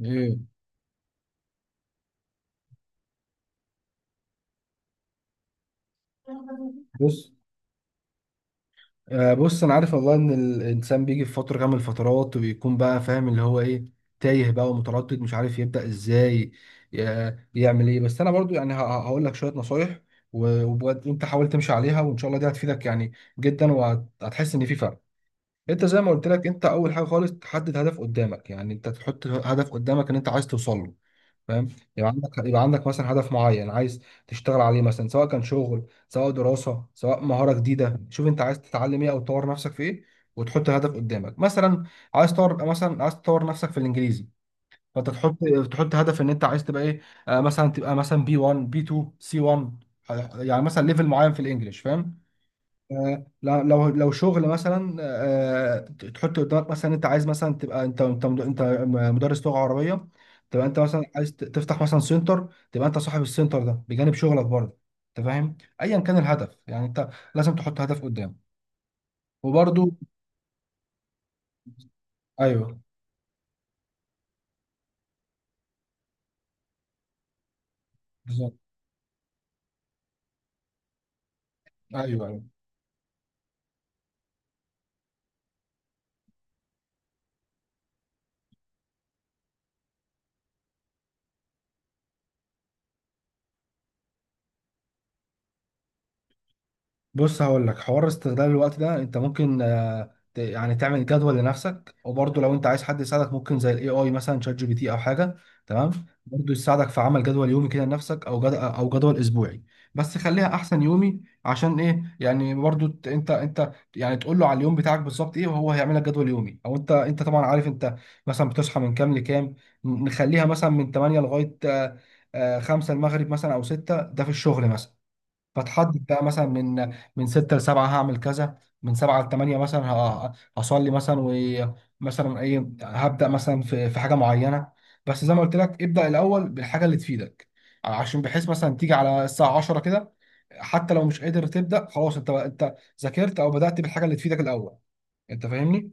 ايه. بص بص، انا عارف والله ان الانسان بيجي في فتره كامل الفترات، وبيكون بقى فاهم اللي هو ايه، تايه بقى ومتردد مش عارف يبدا ازاي، يعمل ايه. بس انا برضو هقول لك شويه نصايح، وبجد انت حاول تمشي عليها، وان شاء الله دي هتفيدك يعني جدا، وهتحس ان في فرق. انت زي ما قلت لك، انت اول حاجه خالص تحدد هدف قدامك، يعني انت تحط هدف قدامك ان انت عايز توصل له. فاهم؟ يبقى عندك مثلا هدف معين عايز تشتغل عليه، مثلا سواء كان شغل، سواء دراسة، سواء مهارة جديدة. شوف انت عايز تتعلم ايه او تطور نفسك في ايه، وتحط هدف قدامك. مثلا عايز تطور، مثلا عايز تطور نفسك في الانجليزي، فانت تحط هدف ان انت عايز تبقى ايه. آه، مثلا تبقى مثلا بي 1 بي 2 سي 1، يعني مثلا ليفل معين في الانجليش. فاهم؟ لو شغل مثلا، تحط قدامك مثلا انت عايز مثلا تبقى انت مدرس لغه عربيه، تبقى انت مثلا عايز تفتح مثلا سنتر، تبقى انت صاحب السنتر ده بجانب شغلك برضه. انت فاهم؟ ايا كان الهدف، يعني انت لازم تحط هدف قدام. وبرضه ايوه. بالظبط. ايوه، ايوه. بص، هقول لك. حوار استغلال الوقت ده انت ممكن يعني تعمل جدول لنفسك. وبرضه لو انت عايز حد يساعدك، ممكن زي الاي اي، مثلا شات جي بي تي او حاجه. تمام. برضه يساعدك في عمل جدول يومي كده لنفسك، او جدول اسبوعي. بس خليها احسن يومي، عشان ايه؟ يعني برضه انت يعني تقول له على اليوم بتاعك بالظبط ايه، وهو هيعمل لك جدول يومي. او انت طبعا عارف انت مثلا بتصحى من كام لكام. نخليها مثلا من 8 لغايه 5 المغرب مثلا او 6، ده في الشغل مثلا. فتحدد بقى مثلا من 6 ل 7 هعمل كذا، من 7 ل 8 مثلا هصلي مثلا. ومثلا ايه، هبدأ مثلا في حاجة معينة. بس زي ما قلت لك ابدأ الأول بالحاجة اللي تفيدك، عشان بحيث مثلا تيجي على الساعة 10 كده، حتى لو مش قادر تبدأ خلاص، انت ذاكرت او بدأت بالحاجة اللي تفيدك الأول. انت فاهمني؟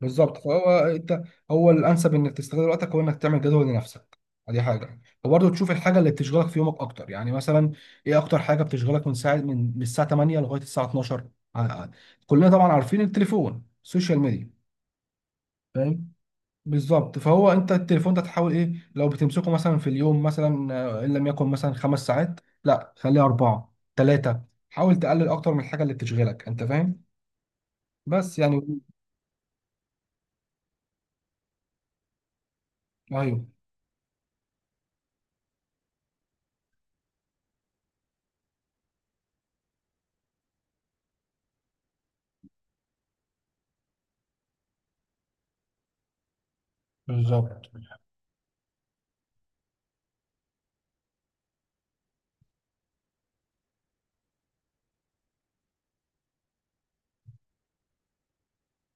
بالظبط. فهو انت، هو الانسب انك تستغل وقتك، هو انك تعمل جدول لنفسك. دي حاجه. وبرضه تشوف الحاجه اللي بتشغلك في يومك اكتر، يعني مثلا ايه اكتر حاجه بتشغلك، من ساعه، من الساعه 8 لغايه الساعه 12. ع- ع- كلنا طبعا عارفين التليفون، السوشيال ميديا. فاهم. بالظبط. فهو انت التليفون ده تحاول ايه، لو بتمسكه مثلا في اليوم مثلا، ان لم يكن مثلا 5 ساعات، لا خليه 4، 3. حاول تقلل اكتر من الحاجه اللي بتشغلك. انت فاهم؟ بس يعني. ايوه. بالظبط.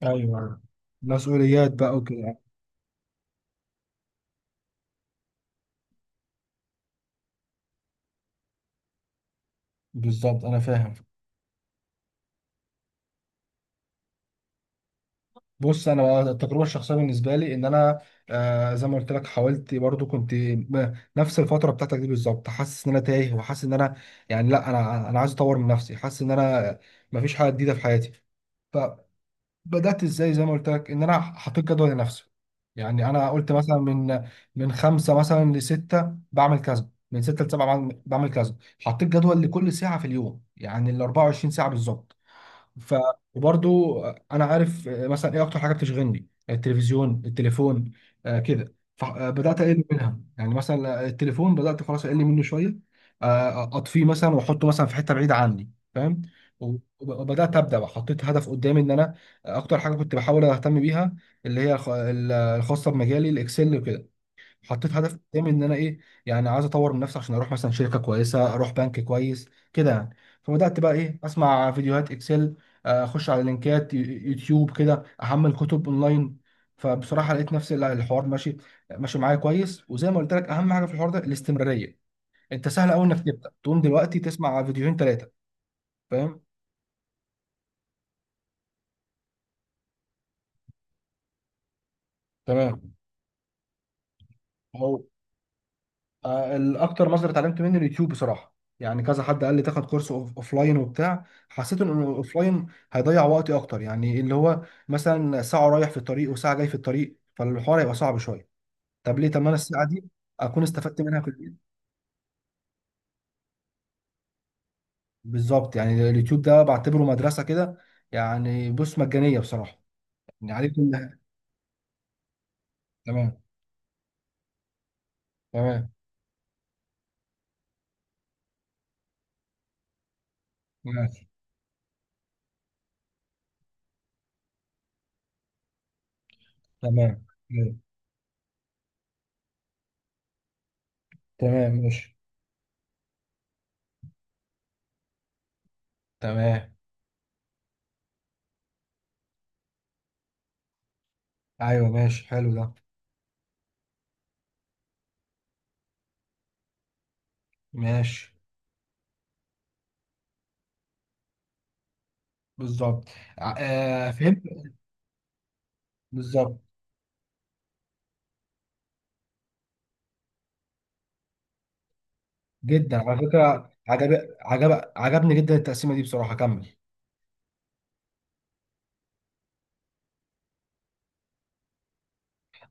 ايوه. مسؤوليات بقى وكده. بالظبط، انا فاهم. بص، انا بقى التجربه الشخصيه بالنسبه لي، ان انا، آه، زي ما قلت لك، حاولت برضو، كنت نفس الفتره بتاعتك دي بالظبط، حاسس ان انا تايه، وحاسس ان انا يعني، لا انا عايز اطور من نفسي، حاسس ان انا مفيش حاجه جديده في حياتي. فبدات ازاي؟ زي ما قلت لك، ان انا حطيت جدول لنفسي. يعني انا قلت مثلا من خمسه مثلا لسته بعمل كذا، من سته لسبعه بعمل كذا. حطيت جدول لكل ساعه في اليوم، يعني ال 24 ساعه بالظبط. ف، وبرضو انا عارف، مثلا ايه اكتر حاجه بتشغلني؟ التلفزيون، التليفون، آه كده. فبدات اقل منها، يعني مثلا التليفون بدات خلاص اقل منه شويه. اطفيه مثلا واحطه مثلا في حته بعيده عني. فاهم. وبدات ابدا بقى. حطيت هدف قدامي ان انا اكتر حاجه كنت بحاول اهتم بيها، اللي هي الخاصه بمجالي، الاكسل وكده. حطيت هدف قدامي ان انا ايه، يعني عايز اطور من نفسي، عشان اروح مثلا شركه كويسه، اروح بنك كويس كده يعني. فبدات بقى ايه، اسمع فيديوهات اكسل، اخش على لينكات يوتيوب كده، احمل كتب اونلاين. فبصراحه لقيت نفسي لا، الحوار ماشي ماشي معايا كويس. وزي ما قلت لك اهم حاجه في الحوار ده الاستمراريه. انت سهل قوي انك تبدا تقوم دلوقتي تسمع فيديوهين، ثلاثه. فاهم. تمام. الاكتر مصدر اتعلمت منه اليوتيوب بصراحه. يعني كذا حد قال لي تاخد كورس اوف لاين وبتاع، حسيت ان الاوف لاين هيضيع وقتي اكتر. يعني اللي هو مثلا ساعه رايح في الطريق وساعه جاي في الطريق، فالحوار هيبقى صعب شويه. طب ليه؟ طب ما انا الساعه دي اكون استفدت منها في البيت. بالظبط. يعني اليوتيوب ده بعتبره مدرسه كده، يعني بص مجانيه بصراحه، يعني عليه كل حاجة. تمام تمام. ماشي. تمام. تمام. تمام، ماشي. تمام. ايوه ماشي، حلو ده. ماشي. بالظبط. فهمت. بالظبط جدا. على فكره عجبني جدا التقسيمه دي بصراحه. كمل.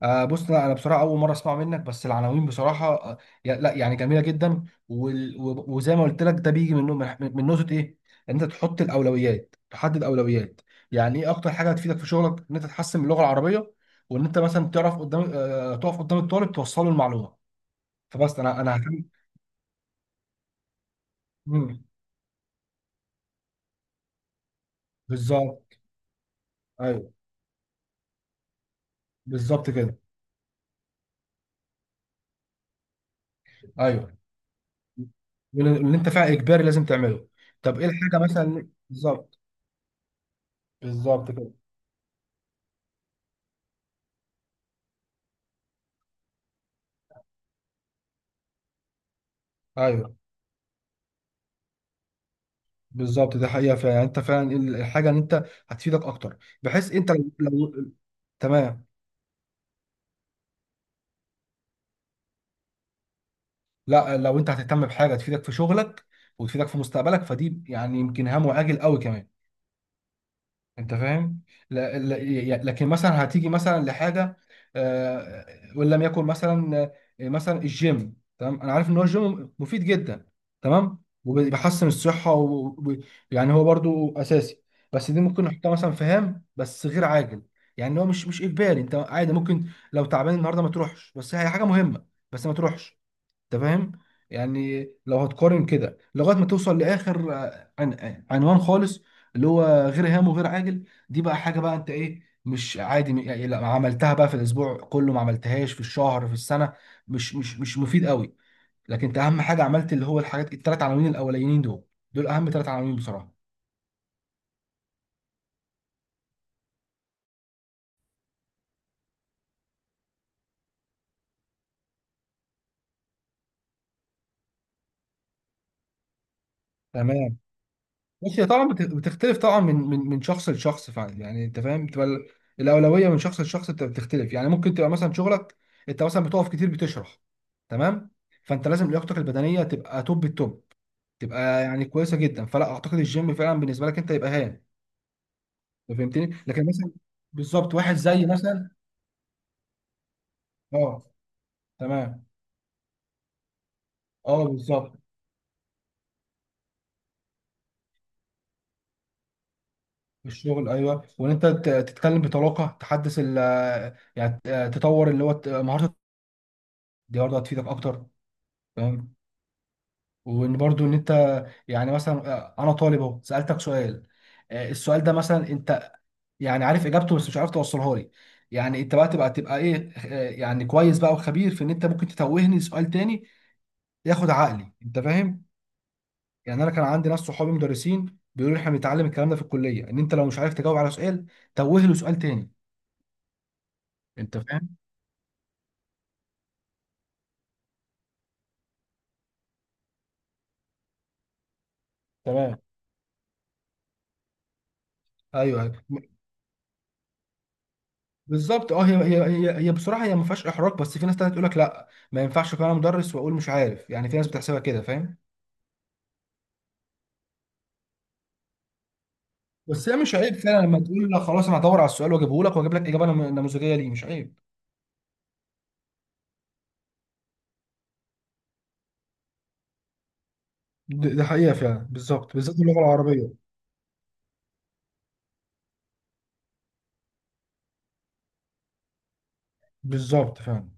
آه بص، لا انا بصراحه اول مره اسمع منك، بس العناوين بصراحه آه، لا يعني جميله جدا. وزي ما قلت لك ده بيجي من، من نقطه ايه، ان انت تحط الاولويات، تحدد اولويات. يعني ايه اكتر حاجه هتفيدك في شغلك؟ ان انت تحسن من اللغه العربيه، وان انت مثلا تعرف قدام، آه، تقف قدام الطالب توصله المعلومه. فبس انا انا هكمل. مم. بالظبط. ايوه. بالظبط كده. ايوه. اللي انت فعلا اجباري لازم تعمله. طب ايه الحاجه مثلا بالظبط. بالظبط كده. ايوه. بالظبط، ده حقيقه فعلا، يعني انت فعلا ايه الحاجه اللي انت هتفيدك اكتر، بحيث انت لو. تمام. لا، لو انت هتهتم بحاجه تفيدك في شغلك وتفيدك في مستقبلك، فدي يعني يمكن هام وعاجل قوي كمان. انت فاهم؟ لا، لكن مثلا هتيجي مثلا لحاجه، آه، وان لم يكن مثلا، مثلا الجيم، تمام، انا عارف ان هو الجيم مفيد جدا، تمام، وبيحسن الصحه، ويعني هو برضو اساسي، بس دي ممكن نحطها مثلا في هام بس غير عاجل. يعني هو مش اجباري، انت عادي ممكن لو تعبان النهارده ما تروحش، بس هي حاجه مهمه، بس ما تروحش. انت فاهم. يعني لو هتقارن كده لغايه ما توصل لاخر، آه، عن آه، عنوان خالص، اللي هو غير هام وغير عاجل، دي بقى حاجه بقى انت ايه، مش عادي، يعني لا عملتها بقى في الاسبوع كله، ما عملتهاش في الشهر، في السنه، مش مفيد قوي. لكن انت اهم حاجه عملت اللي هو الحاجات الثلاث عناوين الاولانيين دول، دول اهم ثلاث عناوين بصراحه. تمام. بص، هي طبعا بتختلف طبعا من شخص لشخص فعلا. يعني انت فاهم بتبقى الاولويه من شخص لشخص بتختلف. يعني ممكن تبقى مثلا شغلك انت مثلا بتقف كتير بتشرح، تمام، فانت لازم لياقتك البدنيه تبقى توب التوب، تبقى يعني كويسه جدا، فلا اعتقد الجيم فعلا بالنسبه لك انت يبقى هام. أنت فهمتني. لكن مثلا، بالظبط واحد زي مثلا، اه، تمام. اه بالظبط. الشغل، ايوه، وان انت تتكلم بطلاقه، تحدث ال، يعني تطور اللي هو مهارات. دي برضه هتفيدك اكتر. فاهم. وان برضو ان انت يعني، مثلا، انا طالب اهو سالتك سؤال، السؤال ده مثلا انت يعني عارف اجابته بس مش عارف توصلها لي، يعني انت بقى تبقى ايه، يعني كويس بقى وخبير في ان انت ممكن تتوهني سؤال تاني، ياخد عقلي. انت فاهم. يعني انا كان عندي ناس صحابي مدرسين بيقولوا لي احنا بنتعلم الكلام ده في الكليه، ان انت لو مش عارف تجاوب على سؤال، توه له سؤال تاني. انت فاهم. تمام. ايوه، ايوه. بالظبط، اه، هي بصراحه هي ما فيهاش احراج، بس في ناس تانية تقول لك لا ما ينفعش اكون انا مدرس واقول مش عارف، يعني في ناس بتحسبها كده. فاهم. بس هي مش عيب فعلا، لما تقول لا خلاص انا هدور على السؤال واجيبه لك، واجيب لك اجابه نموذجيه، ليه مش عيب. ده حقيقة فعلا، بالظبط، بالذات اللغة العربية. بالظبط فعلا.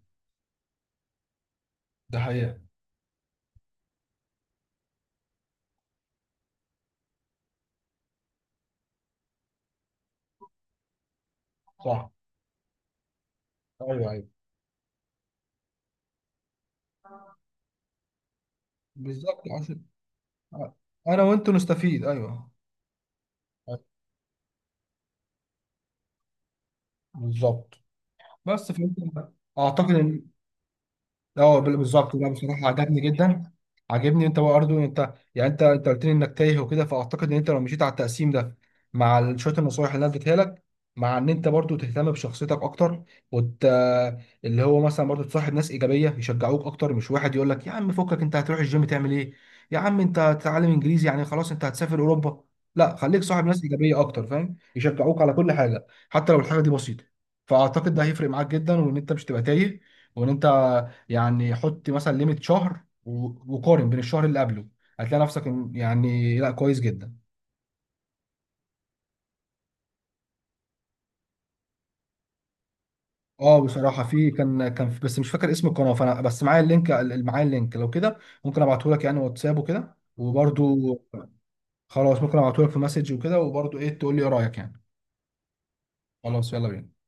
ده حقيقه. صح. ايوه، ايوه. بالظبط، عشان انا وانت نستفيد. ايوه. بالظبط. بس فهمت. اعتقد ان، اه، بالظبط، لا بصراحه عجبني جدا. عجبني انت برضه، انت يعني انت قلت لي انك تايه وكده، فاعتقد ان انت لو مشيت على التقسيم ده، مع شويه النصايح اللي انا اديتها لك، مع ان انت برضه تهتم بشخصيتك اكتر، وت... اللي هو مثلا برضه تصاحب ناس ايجابيه يشجعوك اكتر، مش واحد يقول لك يا عم فكك انت هتروح الجيم تعمل ايه، يا عم انت هتتعلم انجليزي يعني خلاص انت هتسافر اوروبا. لا، خليك صاحب ناس ايجابيه اكتر. فاهم، يشجعوك على كل حاجه حتى لو الحاجه دي بسيطه. فاعتقد ده هيفرق معاك جدا، وان انت مش تبقى تايه، وان انت يعني حط مثلا ليميت شهر، وقارن بين الشهر اللي قبله، هتلاقي نفسك يعني لا كويس جدا. اه بصراحه في، بس مش فاكر اسم القناه، فانا بس معايا اللينك، لو كده ممكن ابعته لك، يعني واتساب وكده وبرده. خلاص، ممكن ابعته لك في مسج وكده وبرده، ايه تقول لي ايه رايك يعني. خلاص، يلا بينا.